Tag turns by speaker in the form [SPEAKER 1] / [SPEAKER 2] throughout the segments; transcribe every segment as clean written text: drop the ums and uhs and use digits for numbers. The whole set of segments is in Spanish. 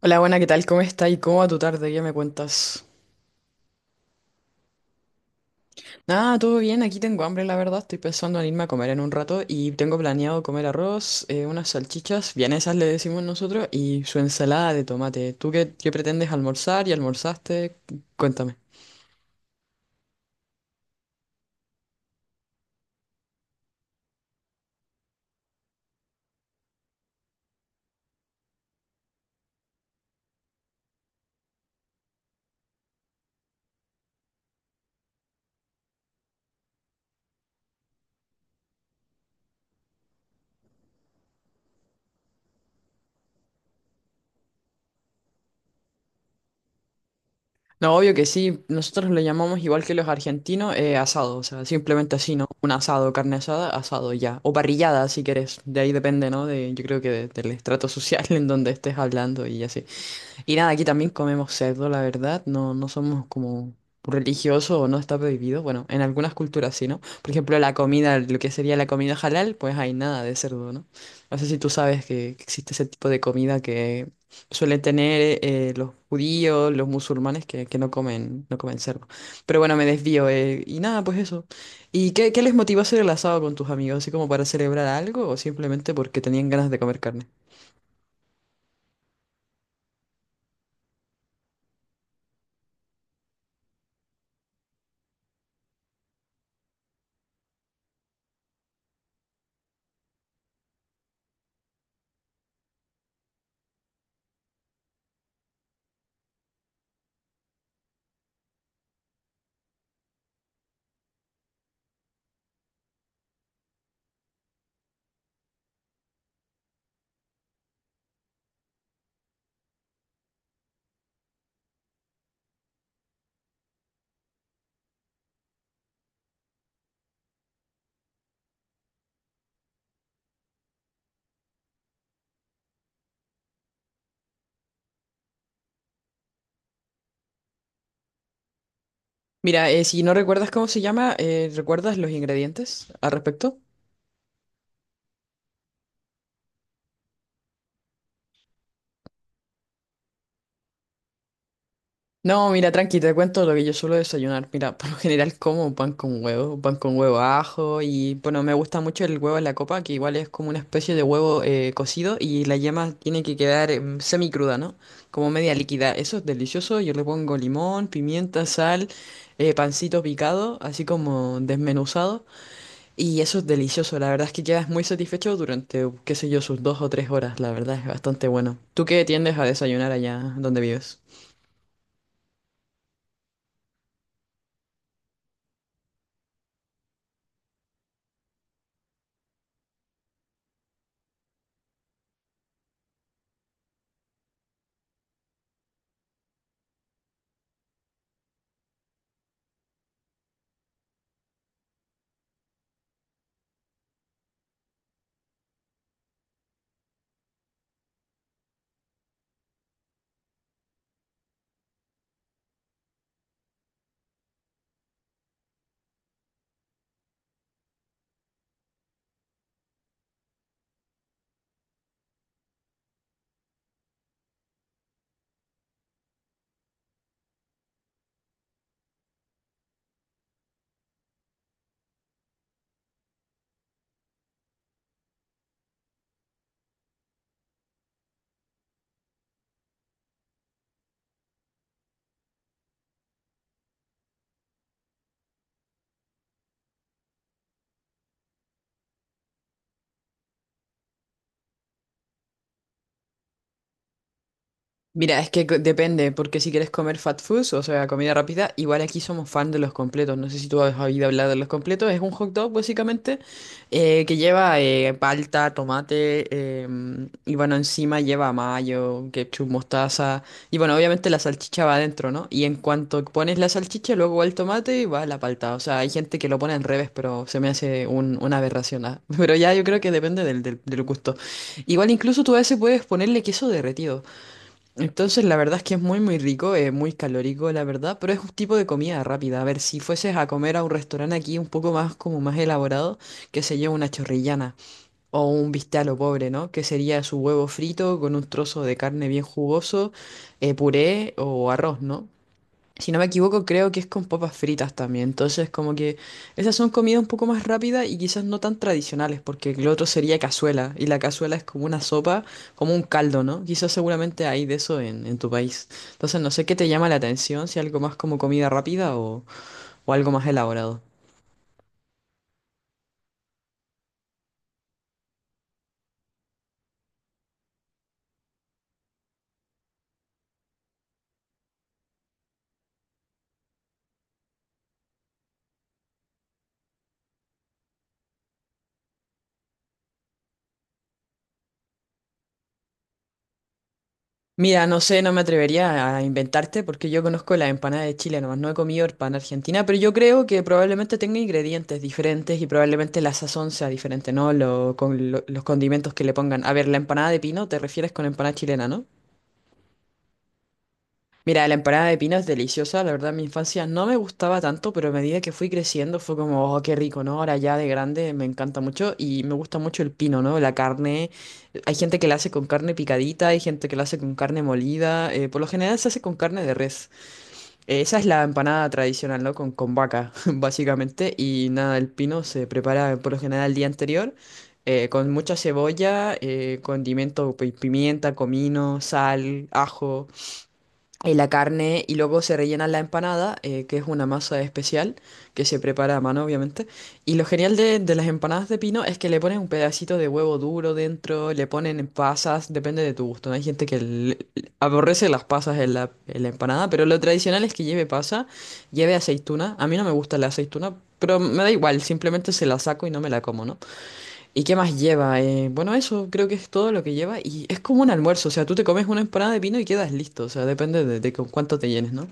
[SPEAKER 1] Hola, buena, ¿qué tal? ¿Cómo estás? ¿Y cómo va tu tarde? ¿Qué me cuentas? Nada, todo bien, aquí tengo hambre, la verdad. Estoy pensando en irme a comer en un rato y tengo planeado comer arroz, unas salchichas, vienesas le decimos nosotros, y su ensalada de tomate. ¿Tú qué pretendes almorzar y almorzaste? Cuéntame. No, obvio que sí, nosotros le llamamos igual que los argentinos, asado, o sea, simplemente así, ¿no? Un asado, carne asada, asado ya. O parrillada, si querés. De ahí depende, ¿no? De, yo creo que del estrato social en donde estés hablando y así. Y nada, aquí también comemos cerdo, la verdad. No, no somos como religiosos o no está prohibido. Bueno, en algunas culturas sí, ¿no? Por ejemplo, la comida, lo que sería la comida halal, pues hay nada de cerdo, ¿no? No sé si tú sabes que existe ese tipo de comida que suelen tener los judíos, los musulmanes que no comen, no comen cerdo. Pero bueno, me desvío. Y nada, pues eso. ¿Y qué les motivó a hacer el asado con tus amigos? ¿Así como para celebrar algo o simplemente porque tenían ganas de comer carne? Mira, si no recuerdas cómo se llama, ¿recuerdas los ingredientes al respecto? No, mira, tranqui, te cuento lo que yo suelo desayunar. Mira, por lo general como pan con huevo ajo y bueno, me gusta mucho el huevo en la copa, que igual es como una especie de huevo cocido y la yema tiene que quedar semicruda, ¿no? Como media líquida. Eso es delicioso, yo le pongo limón, pimienta, sal, pancito picado, así como desmenuzado. Y eso es delicioso, la verdad es que quedas muy satisfecho durante, qué sé yo, sus dos o tres horas, la verdad es bastante bueno. ¿Tú qué tiendes a desayunar allá donde vives? Mira, es que depende, porque si quieres comer fat food, o sea, comida rápida, igual aquí somos fan de los completos. No sé si tú has oído hablar de los completos. Es un hot dog, básicamente, que lleva palta, tomate, y bueno, encima lleva mayo, ketchup, mostaza. Y bueno, obviamente la salchicha va adentro, ¿no? Y en cuanto pones la salchicha, luego va el tomate y va la palta. O sea, hay gente que lo pone al revés, pero se me hace una aberración. Ah. Pero ya yo creo que depende del gusto. Igual incluso tú a veces puedes ponerle queso derretido. Entonces, la verdad es que es muy, muy rico, muy calórico, la verdad, pero es un tipo de comida rápida. A ver, si fueses a comer a un restaurante aquí un poco más, como más elaborado, que se lleva una chorrillana o un bistec a lo pobre, ¿no? Que sería su huevo frito con un trozo de carne bien jugoso, puré o arroz, ¿no? Si no me equivoco, creo que es con papas fritas también. Entonces, como que esas son comidas un poco más rápidas y quizás no tan tradicionales, porque lo otro sería cazuela. Y la cazuela es como una sopa, como un caldo, ¿no? Quizás seguramente hay de eso en tu país. Entonces, no sé qué te llama la atención, si algo más como comida rápida o algo más elaborado. Mira, no sé, no me atrevería a inventarte porque yo conozco la empanada de Chile, nomás no he comido empanada argentina, pero yo creo que probablemente tenga ingredientes diferentes y probablemente la sazón sea diferente, ¿no? Con los condimentos que le pongan. A ver, la empanada de pino, te refieres con empanada chilena, ¿no? Mira, la empanada de pino es deliciosa, la verdad en mi infancia no me gustaba tanto, pero a medida que fui creciendo fue como, oh, qué rico, ¿no? Ahora ya de grande me encanta mucho y me gusta mucho el pino, ¿no? La carne, hay gente que la hace con carne picadita, hay gente que la hace con carne molida, por lo general se hace con carne de res. Esa es la empanada tradicional, ¿no? Con vaca, básicamente, y nada, el pino se prepara por lo general el día anterior. Con mucha cebolla, condimento, pimienta, comino, sal, ajo la carne y luego se rellena la empanada, que es una masa especial que se prepara a mano, obviamente. Y lo genial de las empanadas de pino es que le ponen un pedacito de huevo duro dentro, le ponen pasas, depende de tu gusto. ¿No? Hay gente que le- aborrece las pasas en la empanada, pero lo tradicional es que lleve pasa, lleve aceituna. A mí no me gusta la aceituna, pero me da igual, simplemente se la saco y no me la como, ¿no? ¿Y qué más lleva? Bueno, eso creo que es todo lo que lleva y es como un almuerzo, o sea, tú te comes una empanada de pino y quedas listo, o sea, depende de con cuánto te llenes, ¿no?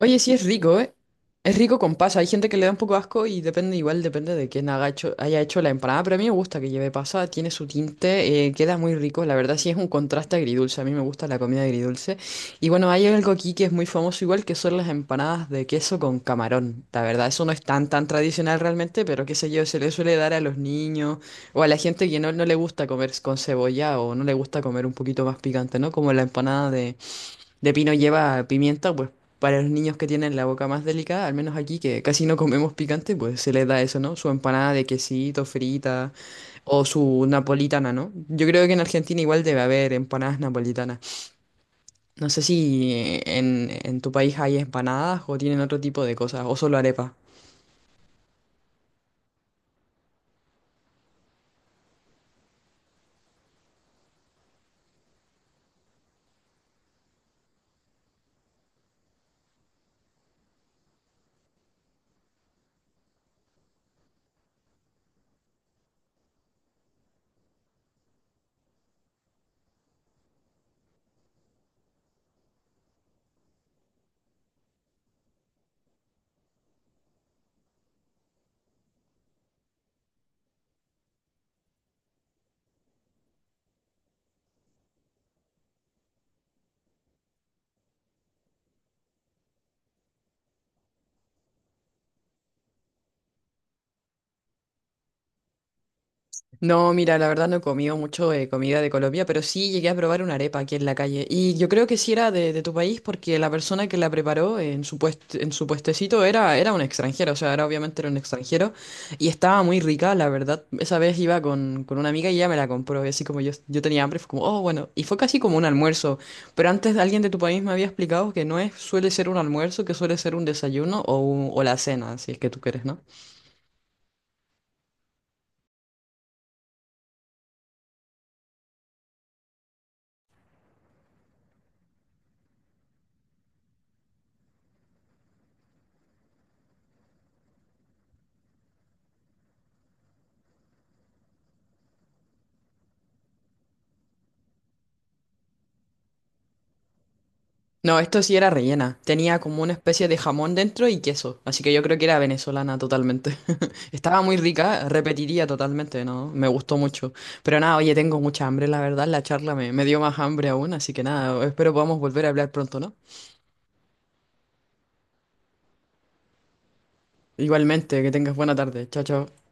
[SPEAKER 1] Oye, sí es rico, ¿eh? Es rico con pasa. Hay gente que le da un poco de asco y depende, igual depende de quién haga hecho, haya hecho la empanada, pero a mí me gusta que lleve pasa, tiene su tinte, queda muy rico. La verdad sí es un contraste agridulce. A mí me gusta la comida agridulce. Y bueno, hay algo aquí que es muy famoso, igual que son las empanadas de queso con camarón. La verdad, eso no es tan tan tradicional realmente, pero qué sé yo, se le suele dar a los niños o a la gente que no, no le gusta comer con cebolla o no le gusta comer un poquito más picante, ¿no? Como la empanada de pino lleva pimienta, pues para los niños que tienen la boca más delicada, al menos aquí que casi no comemos picante, pues se les da eso, ¿no? Su empanada de quesito, frita, o su napolitana, ¿no? Yo creo que en Argentina igual debe haber empanadas napolitanas. No sé si en tu país hay empanadas o tienen otro tipo de cosas, o solo arepas. No, mira, la verdad no he comido mucho comida de Colombia, pero sí llegué a probar una arepa aquí en la calle. Y yo creo que sí era de tu país porque la persona que la preparó en su en su puestecito era, era un extranjero, o sea, era obviamente era un extranjero y estaba muy rica, la verdad. Esa vez iba con una amiga y ella me la compró y así como yo tenía hambre, fue como, oh, bueno, y fue casi como un almuerzo. Pero antes alguien de tu país me había explicado que no es, suele ser un almuerzo, que suele ser un desayuno o, o la cena, si es que tú quieres, ¿no? No, esto sí era rellena. Tenía como una especie de jamón dentro y queso. Así que yo creo que era venezolana totalmente. Estaba muy rica, repetiría totalmente, ¿no? Me gustó mucho. Pero nada, oye, tengo mucha hambre, la verdad. La charla me dio más hambre aún. Así que nada, espero podamos volver a hablar pronto, ¿no? Igualmente, que tengas buena tarde. Chao, chao.